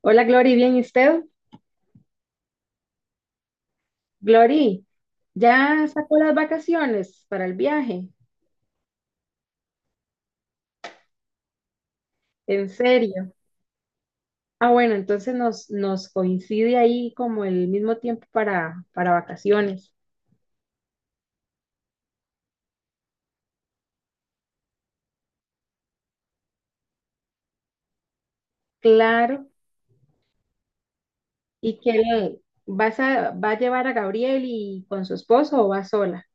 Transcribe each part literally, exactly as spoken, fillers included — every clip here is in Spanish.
Hola, Glory, ¿bien y usted? Glory, ¿ya sacó las vacaciones para el viaje? ¿En serio? Ah, bueno, entonces nos, nos coincide ahí como el mismo tiempo para, para vacaciones. Claro. ¿Y qué? ¿Vas a, va a llevar a Gabriel y con su esposo o va sola?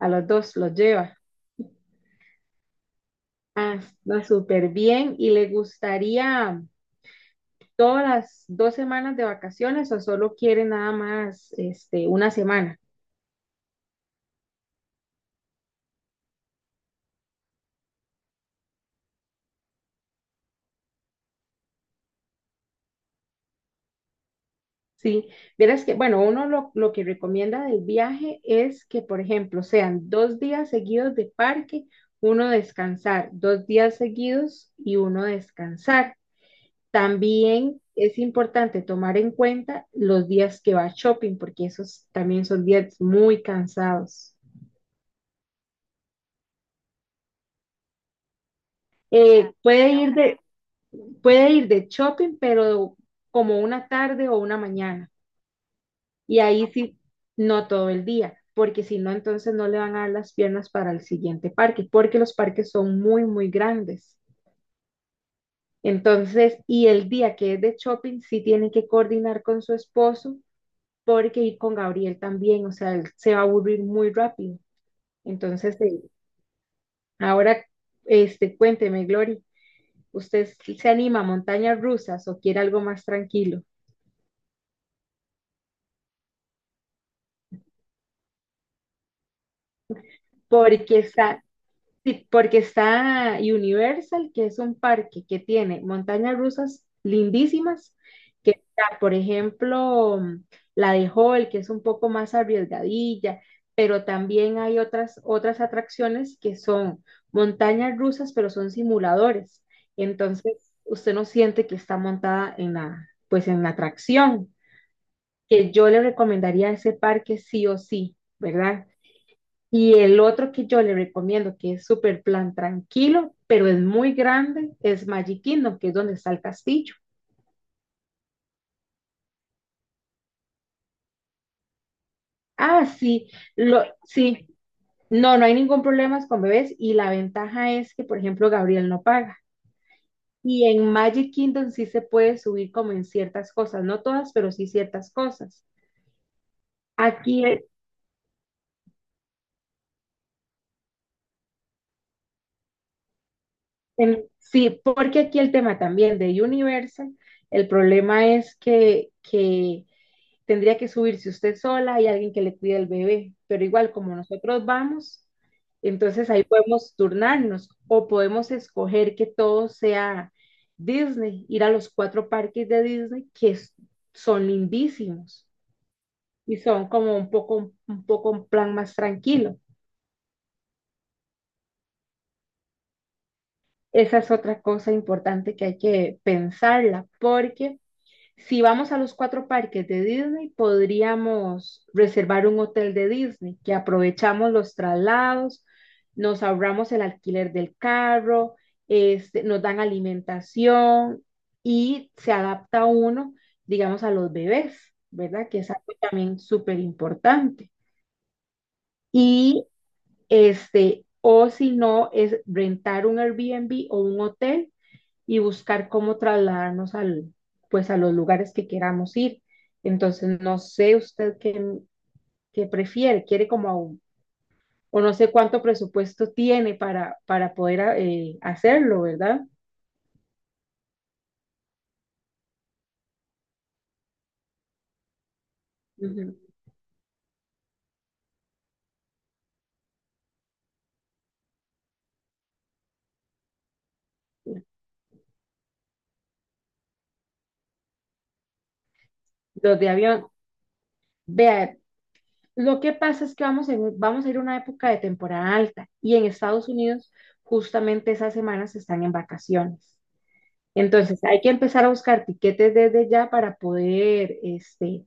A los dos los lleva. Ah, no, súper bien. ¿Y le gustaría todas las dos semanas de vacaciones o solo quiere nada más este, una semana? Sí, verás que, bueno, uno lo, lo que recomienda del viaje es que, por ejemplo, sean dos días seguidos de parque, uno descansar, dos días seguidos y uno descansar. También es importante tomar en cuenta los días que va shopping, porque esos también son días muy cansados. Eh, puede ir de, Puede ir de shopping, pero como una tarde o una mañana. Y ahí sí, no todo el día, porque si no, entonces no le van a dar las piernas para el siguiente parque, porque los parques son muy, muy grandes. Entonces, y el día que es de shopping, sí tiene que coordinar con su esposo, porque ir con Gabriel también, o sea, él se va a aburrir muy rápido. Entonces, eh, ahora, este, cuénteme, Glory, ¿usted se anima a montañas rusas o quiere algo más tranquilo? Porque está, Sí, porque está Universal, que es un parque que tiene montañas rusas lindísimas, que está, por ejemplo, mm, la de Hall, que es un poco más arriesgadilla, pero también hay otras, otras atracciones que son montañas rusas, pero son simuladores. Entonces, usted no siente que está montada en la, pues en la atracción, que yo le recomendaría ese parque sí o sí, ¿verdad? Y el otro que yo le recomiendo, que es súper plan tranquilo, pero es muy grande, es Magic Kingdom, que es donde está el castillo. Ah, sí, lo, sí, no, no hay ningún problema con bebés y la ventaja es que, por ejemplo, Gabriel no paga. Y en Magic Kingdom sí se puede subir como en ciertas cosas, no todas, pero sí ciertas cosas. Aquí, eh, en- sí, porque aquí el tema también de Universal, el problema es que, que tendría que subirse usted sola y alguien que le cuide el bebé, pero igual como nosotros vamos, entonces ahí podemos turnarnos o podemos escoger que todo sea Disney, ir a los cuatro parques de Disney que es- son lindísimos y son como un poco, un poco un plan más tranquilo. Esa es otra cosa importante que hay que pensarla, porque si vamos a los cuatro parques de Disney, podríamos reservar un hotel de Disney, que aprovechamos los traslados, nos ahorramos el alquiler del carro, este, nos dan alimentación y se adapta uno, digamos, a los bebés, ¿verdad? Que es algo también súper importante. Y este, o si no, es rentar un Airbnb o un hotel y buscar cómo trasladarnos al, pues a los lugares que queramos ir. Entonces, no sé usted qué, qué prefiere, quiere como a un- o no sé cuánto presupuesto tiene para, para poder a- eh, hacerlo, ¿verdad? Ujú. Los de avión. Vea, lo que pasa es que vamos, en- vamos a ir a una época de temporada alta y en Estados Unidos justamente esas semanas están en vacaciones. Entonces, hay que empezar a buscar tiquetes desde ya para poder, este,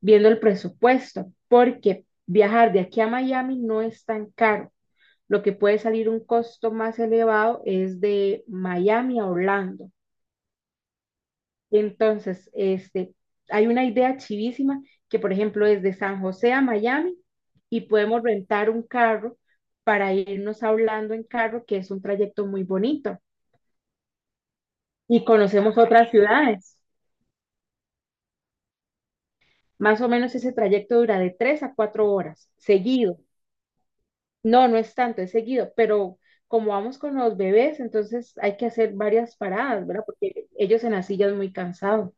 viendo el presupuesto, porque viajar de aquí a Miami no es tan caro. Lo que puede salir un costo más elevado es de Miami a Orlando. Entonces, este, hay una idea chivísima que, por ejemplo, es de San José a Miami y podemos rentar un carro para irnos a Orlando en carro, que es un trayecto muy bonito. Y conocemos otras ciudades. Más o menos ese trayecto dura de tres a cuatro horas, seguido. No, no es tanto, es seguido, pero como vamos con los bebés, entonces hay que hacer varias paradas, ¿verdad? Porque ellos en las sillas muy cansados.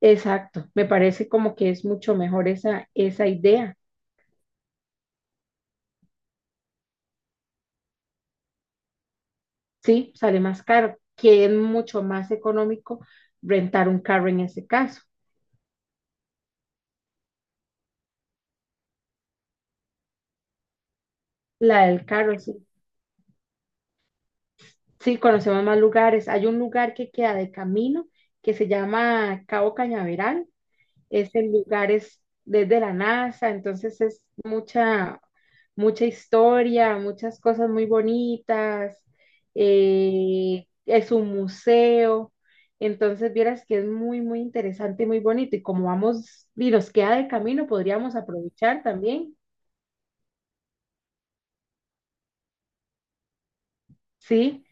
Exacto, me parece como que es mucho mejor esa, esa idea, ¿sí? Sale más caro, que es mucho más económico rentar un carro en ese caso. La del carro, sí. Sí, conocemos más lugares. Hay un lugar que queda de camino que se llama Cabo Cañaveral, es en lugares desde la NASA, entonces es mucha, mucha historia, muchas cosas muy bonitas, eh, es un museo, entonces vieras que es muy, muy interesante y muy bonito, y como vamos y nos queda de camino, podríamos aprovechar también, ¿sí?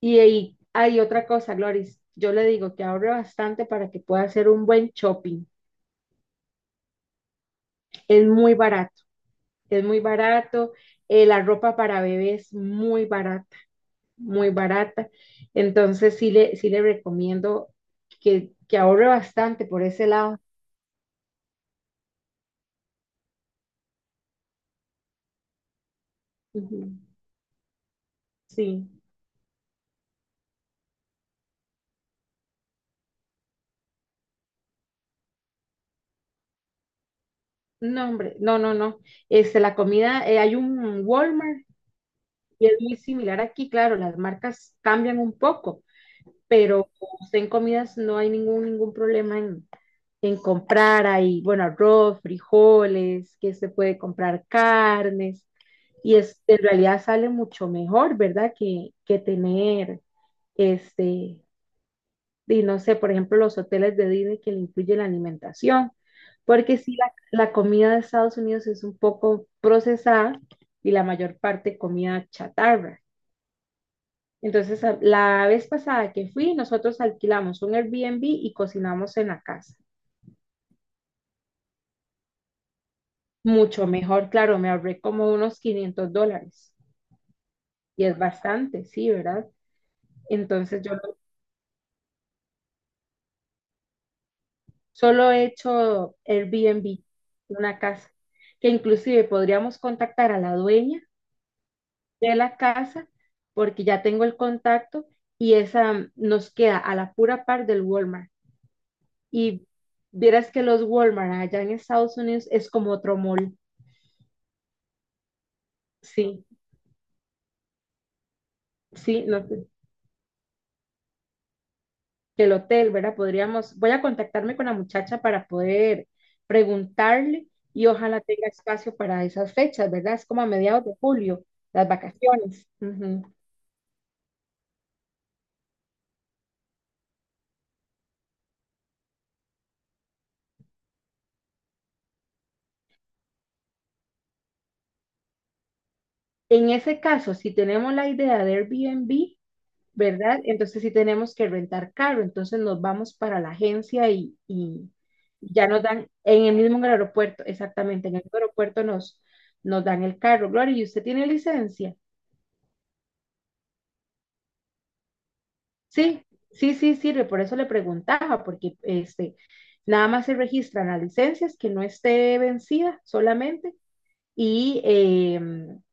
Y ahí hay otra cosa, Gloris, yo le digo que ahorre bastante para que pueda hacer un buen shopping, es muy barato, es muy barato, eh, la ropa para bebés es muy barata muy barata. Entonces sí le, sí le recomiendo que, que ahorre bastante por ese lado. Ujú, sí, no, hombre, no, no, no. Este, la comida, eh, hay un Walmart y es muy similar aquí, claro, las marcas cambian un poco, pero usted en comidas no hay ningún, ningún problema en, en comprar ahí, bueno, arroz, frijoles, que se puede comprar carnes, y es, en realidad sale mucho mejor, ¿verdad? Que, que tener este, y no sé, por ejemplo, los hoteles de Disney que le incluye la alimentación, porque sí, la, la comida de Estados Unidos es un poco procesada y la mayor parte comida chatarra. Entonces, a- la vez pasada que fui, nosotros alquilamos un Airbnb y cocinamos en la casa. Mucho mejor, claro, me ahorré como unos quinientos dólares y es bastante, sí, ¿verdad? Entonces yo solo he hecho Airbnb, una casa, que inclusive podríamos contactar a la dueña de la casa, porque ya tengo el contacto y esa nos queda a la pura par del Walmart. Y vieras que los Walmart allá en Estados Unidos es como otro mall. Sí, sí, no, que el hotel, ¿verdad? Podríamos, voy a contactarme con la muchacha para poder preguntarle y ojalá tenga espacio para esas fechas, ¿verdad? Es como a mediados de julio, las vacaciones. En ese caso, si tenemos la idea de Airbnb, ¿verdad? Entonces sí tenemos que rentar carro, entonces nos vamos para la agencia y, y ya nos dan, en el mismo aeropuerto, exactamente, en el aeropuerto nos, nos dan el carro. Gloria, ¿y usted tiene licencia? Sí, sí, sí, sirve, por eso le preguntaba, porque este, nada más se registran las licencias que no esté vencida solamente. Y eh,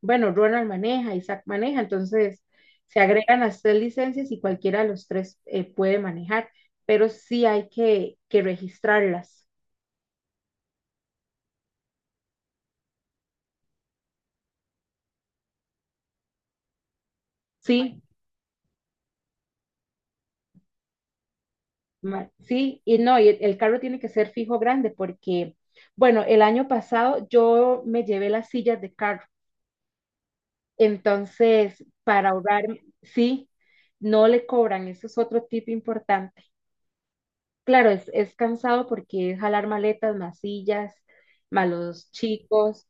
bueno, Ronald maneja, Isaac maneja, entonces se agregan las tres licencias y cualquiera de los tres eh, puede manejar, pero sí hay que, que registrarlas, ¿sí? ma- Sí, y no, y el, el carro tiene que ser fijo grande porque, bueno, el año pasado yo me llevé las sillas de carro, entonces para ahorrar, sí, no le cobran, eso es otro tip importante. Claro, es, es cansado porque es jalar maletas, más sillas, más los chicos,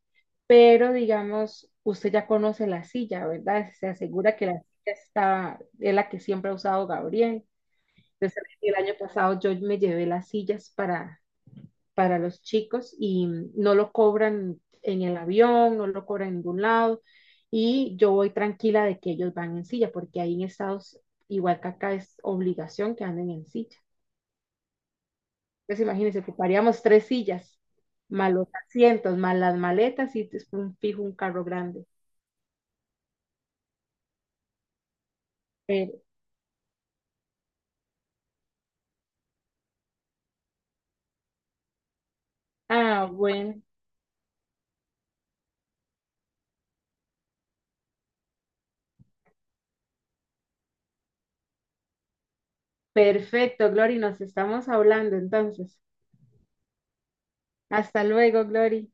pero digamos, usted ya conoce la silla, ¿verdad? Se asegura que la silla está, es la que siempre ha usado Gabriel. Entonces, el año pasado yo me llevé las sillas para, para los chicos y no lo cobran en el avión, no lo cobran en ningún lado y yo voy tranquila de que ellos van en silla porque ahí en Estados, igual que acá, es obligación que anden en silla. Entonces imagínense, ocuparíamos tres sillas, más los asientos, más las maletas y después un fijo un carro grande. Pero- ah, bueno, perfecto, Glory, nos estamos hablando entonces. Hasta luego, Glory.